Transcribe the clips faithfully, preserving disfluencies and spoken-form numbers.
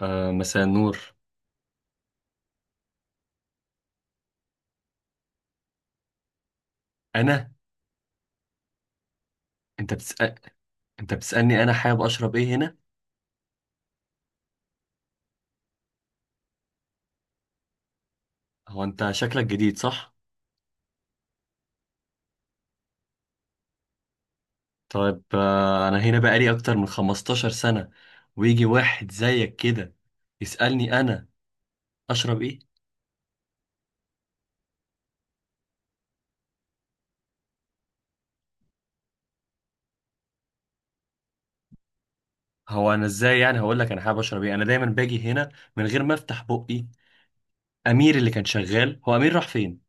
آه، مساء النور. انا. انت بتسأل؟ انت بتسألني انا حابب اشرب ايه هنا؟ هو انت شكلك جديد، صح؟ طيب، آه انا هنا بقالي اكتر من 15 سنة، ويجي واحد زيك كده يسألني انا اشرب ايه؟ هو انا ازاي يعني هقول لك انا حابب اشرب ايه؟ انا دايما باجي هنا من غير ما افتح بقي. امير اللي كان شغال، هو امير راح فين؟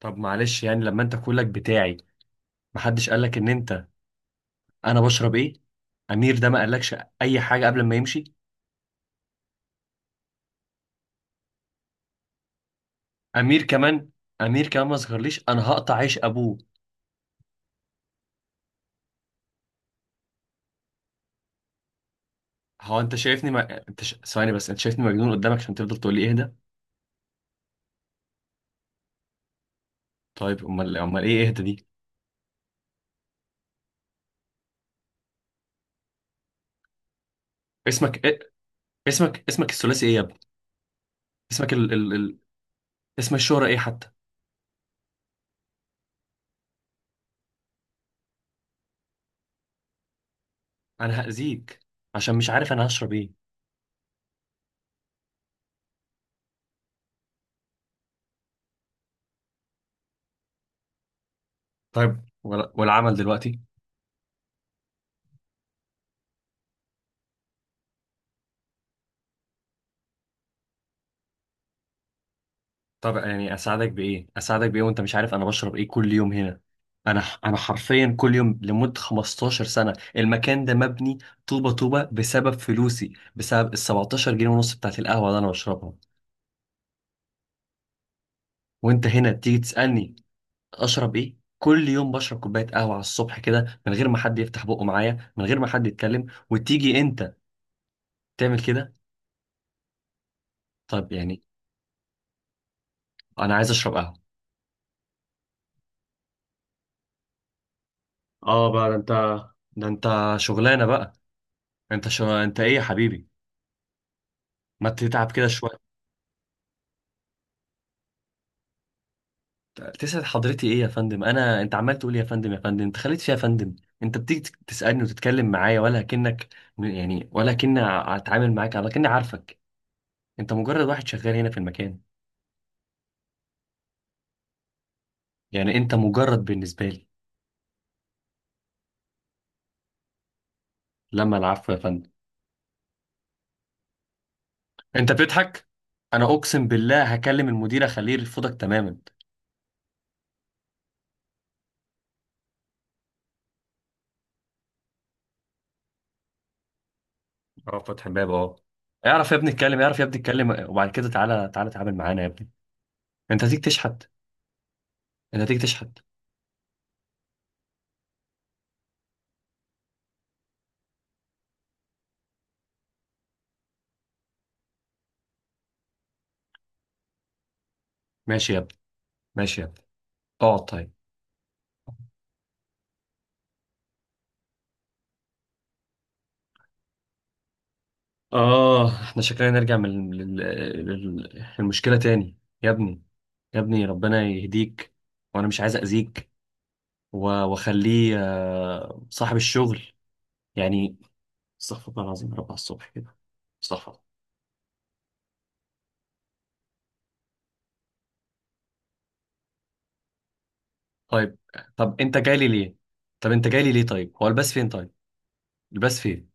طب معلش، يعني لما انت كلك بتاعي، محدش قالك ان انت انا بشرب ايه؟ امير ده ما قالكش اي حاجة قبل ما يمشي؟ امير كمان، امير كمان ما ظهرليش، انا هقطع عيش ابوه. هو انت شايفني، ما... انت ش... ثواني بس، انت شايفني مجنون قدامك عشان تفضل تقول لي اهدى؟ طيب، امال امال ايه اهدى دي؟ اسمك إيه؟ اسمك اسمك الثلاثي ايه يا ابني؟ اسمك ال... ال... ال... اسم الشهرة ايه حتى؟ انا هأذيك عشان مش عارف انا هشرب ايه. طيب، ولا... والعمل دلوقتي؟ طب يعني اساعدك بايه، اساعدك بايه وانت مش عارف انا بشرب ايه كل يوم هنا؟ انا انا حرفيا كل يوم لمده 15 سنه، المكان ده مبني طوبه طوبه بسبب فلوسي، بسبب ال سبعتاشر جنيه ونص بتاعت القهوه اللي انا بشربها، وانت هنا تيجي تسالني اشرب ايه؟ كل يوم بشرب كوبايه قهوه على الصبح كده، من غير ما حد يفتح بقه معايا، من غير ما حد يتكلم، وتيجي انت تعمل كده؟ طب يعني انا عايز اشرب قهوه. اه بقى، ده انت ده انت شغلانه بقى. انت شو... انت ايه يا حبيبي؟ ما تتعب كده شويه. تسعد حضرتي ايه يا فندم؟ انا انت عمال تقول إيه يا فندم، يا فندم، انت خليت فيها يا فندم. انت بتيجي تك- تسالني وتتكلم معايا ولا كأنك، يعني ولا كأني اتعامل معاك، ولا كأني عارفك. انت مجرد واحد شغال هنا في المكان، يعني انت مجرد بالنسبه لي. لما العفو يا فندم؟ انت بتضحك؟ انا اقسم بالله هكلم المدير اخليه يرفضك تماما. اه، فتح الباب، اه. اعرف يا ابني اتكلم، اعرف يا ابني اتكلم، وبعد كده تعالى تعالى تعامل معانا يا ابني. انت هتيجي تشحت؟ انت هتيجي تشحت؟ ماشي يا ابني، ماشي يا ابني، اقعد طيب. آه، إحنا شكلنا نرجع من لل- لل- للمشكلة تاني. يا ابني، يا ابني ربنا يهديك، وأنا مش عايز أذيك، و- وأخليه، آه، صاحب الشغل يعني. استغفر الله العظيم يا رب على الصبح كده. استغفر الله. طيب، طب أنت جاي لي ليه؟ طب أنت جاي لي ليه طيب؟ هو الباس فين طيب؟ الباس فين؟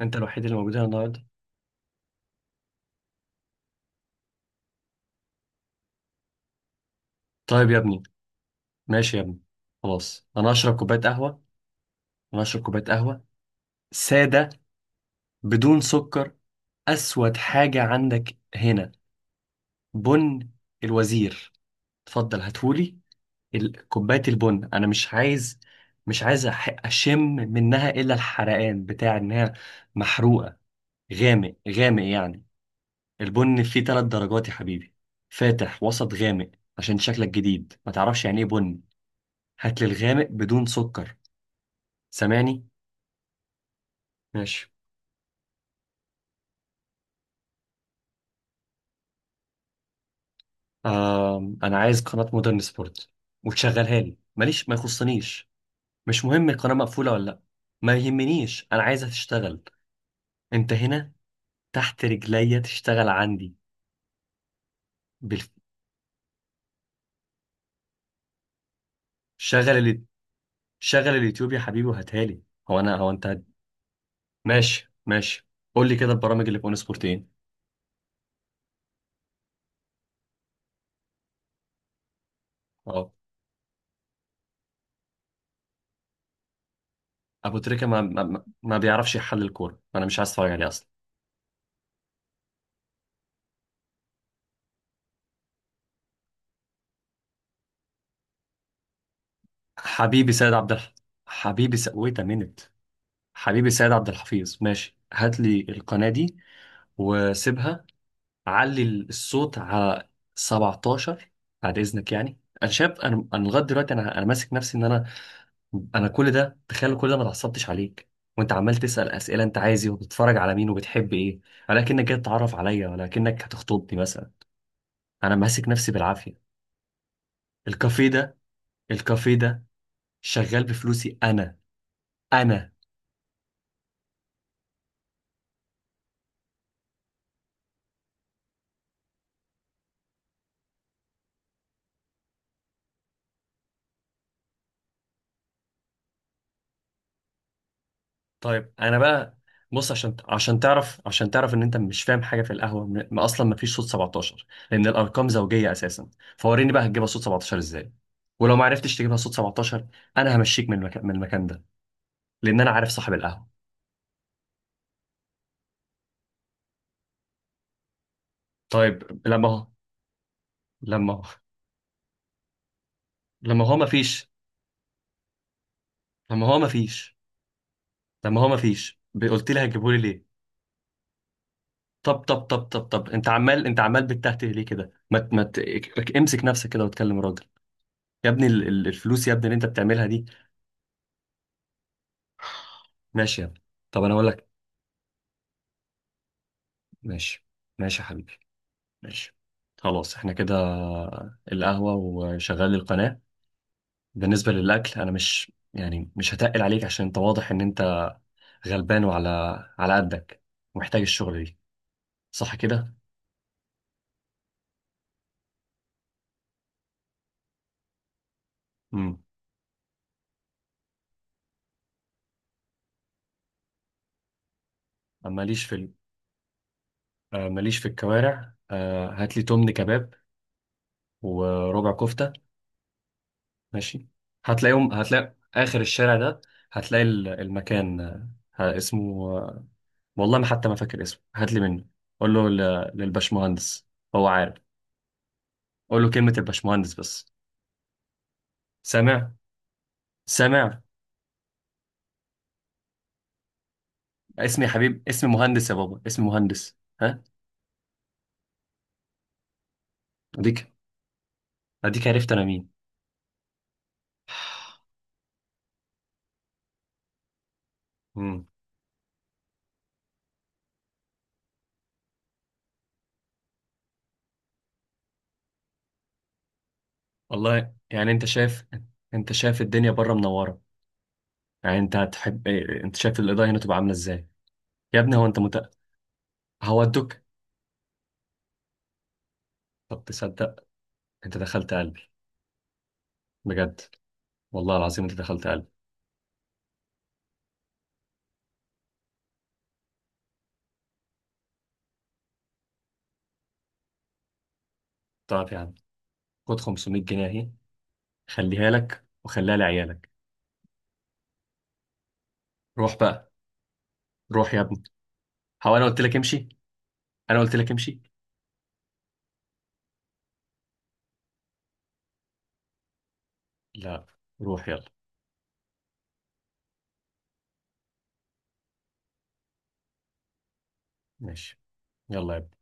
أنت الوحيد اللي موجود هنا النهاردة؟ طيب يا ابني، ماشي يا ابني، خلاص أنا هشرب كوباية قهوة. أنا هشرب كوباية قهوة سادة، بدون سكر. أسود، حاجة عندك هنا؟ بن الوزير. اتفضل هاتهولي. ال- كوباية البن انا مش عايز، مش عايز أح- اشم منها الا الحرقان بتاع انها محروقة. غامق غامق يعني. البن فيه ثلاث درجات يا حبيبي: فاتح، وسط، غامق. عشان شكلك جديد ما تعرفش يعني ايه بن. هات لي الغامق بدون سكر. سامعني؟ ماشي. آه، انا عايز قناة مودرن سبورت، وتشغلها لي، ماليش ما يخصنيش. مش مهم القناة مقفولة ولا لا، ما يهمنيش، انا عايزها تشتغل. انت هنا تحت رجليا تشتغل عندي. بال... شغل ال... شغل اليوتيوب يا حبيبي وهاتها لي. هو انا هو انت هت- ماشي ماشي. قول لي كده البرامج اللي في اون سبورت ايه؟ اه. ابو تريكه ما... ما... ما بيعرفش يحلل الكوره، فانا مش عايز اتفرج عليه اصلا. حبيبي سيد عبد الح... حبيبي س... ويت مينت. حبيبي سيد عبد الحفيظ ماشي، هات لي القناه دي، وسيبها علي الصوت على سبعتاشر. بعد اذنك، يعني انا شاب، انا انا لغايه دلوقتي، انا انا ماسك نفسي ان انا، انا كل ده، تخيل، كل ده ما اتعصبتش عليك، وانت عمال تسال اسئله، انت عايز ايه، وبتتفرج على مين، وبتحب ايه، ولكنك جاي تتعرف عليا، ولكنك هتخطبني مثلا. انا ماسك نفسي بالعافيه. الكافيه ده الكافيه ده شغال بفلوسي، انا. انا طيب، انا بقى، بص، عشان عشان تعرف، عشان تعرف ان انت مش فاهم حاجه في القهوه، م- ما اصلا ما فيش صوت سبعتاشر، لان الارقام زوجيه اساسا. فوريني بقى، هتجيبها صوت سبعتاشر ازاي؟ ولو ما عرفتش تجيبها صوت سبعتاشر، انا همشيك من المكان من المكان ده، لان انا عارف صاحب القهوه. طيب، لما لما لما هو ما فيش، لما هو ما فيش لما هو ما فيش قلت لي هتجيبهولي ليه؟ طب طب طب طب طب، انت عمال انت عمال بتتهته ليه كده؟ ما ت- ما ت- امسك نفسك كده واتكلم راجل. يا ابني ال- ال- الفلوس يا ابني اللي انت بتعملها دي. ماشي يا ابني. طب انا اقول لك، ماشي، ماشي يا حبيبي، ماشي. خلاص احنا كده، القهوة وشغال القناة. بالنسبة للأكل، أنا مش يعني مش هتقل عليك، عشان أنت واضح إن أنت غلبان، وعلى على قدك، ومحتاج الشغل دي. صح كده؟ مم. آه، ماليش في ال- آه، ماليش في الكوارع. آه، هات لي تمن كباب وربع كفتة. ماشي. هتلاقيهم هتلاقي آخر الشارع ده، هتلاقي ال- المكان، آه، ه- اسمه، آه، والله ما حتى ما فاكر اسمه، هات لي منه. قول له ل- للبشمهندس، هو عارف. قول له كلمة البشمهندس بس. سامع؟ سامع؟ اسمي يا حبيب، اسمي مهندس يا بابا، اسمي مهندس، ها؟ اديك اديك عرفت انا مين. مم. والله يعني، انت شايف انت شايف الدنيا بره منورة، يعني انت هتحب ايه، انت شايف الايداين تبقى عامله ازاي؟ يا ابني، هو انت مت... هودك. طب تصدق؟ انت دخلت قلبي. بجد. والله العظيم انت دخلت قلبي. طب يا عم، خد خمسمية جنيه اهي، خليها لك وخليها لعيالك. روح بقى، روح يا ابني. هو انا قلت لك امشي، انا قلت لك امشي. لا، روح يلا. ماشي، يلا يا ابني.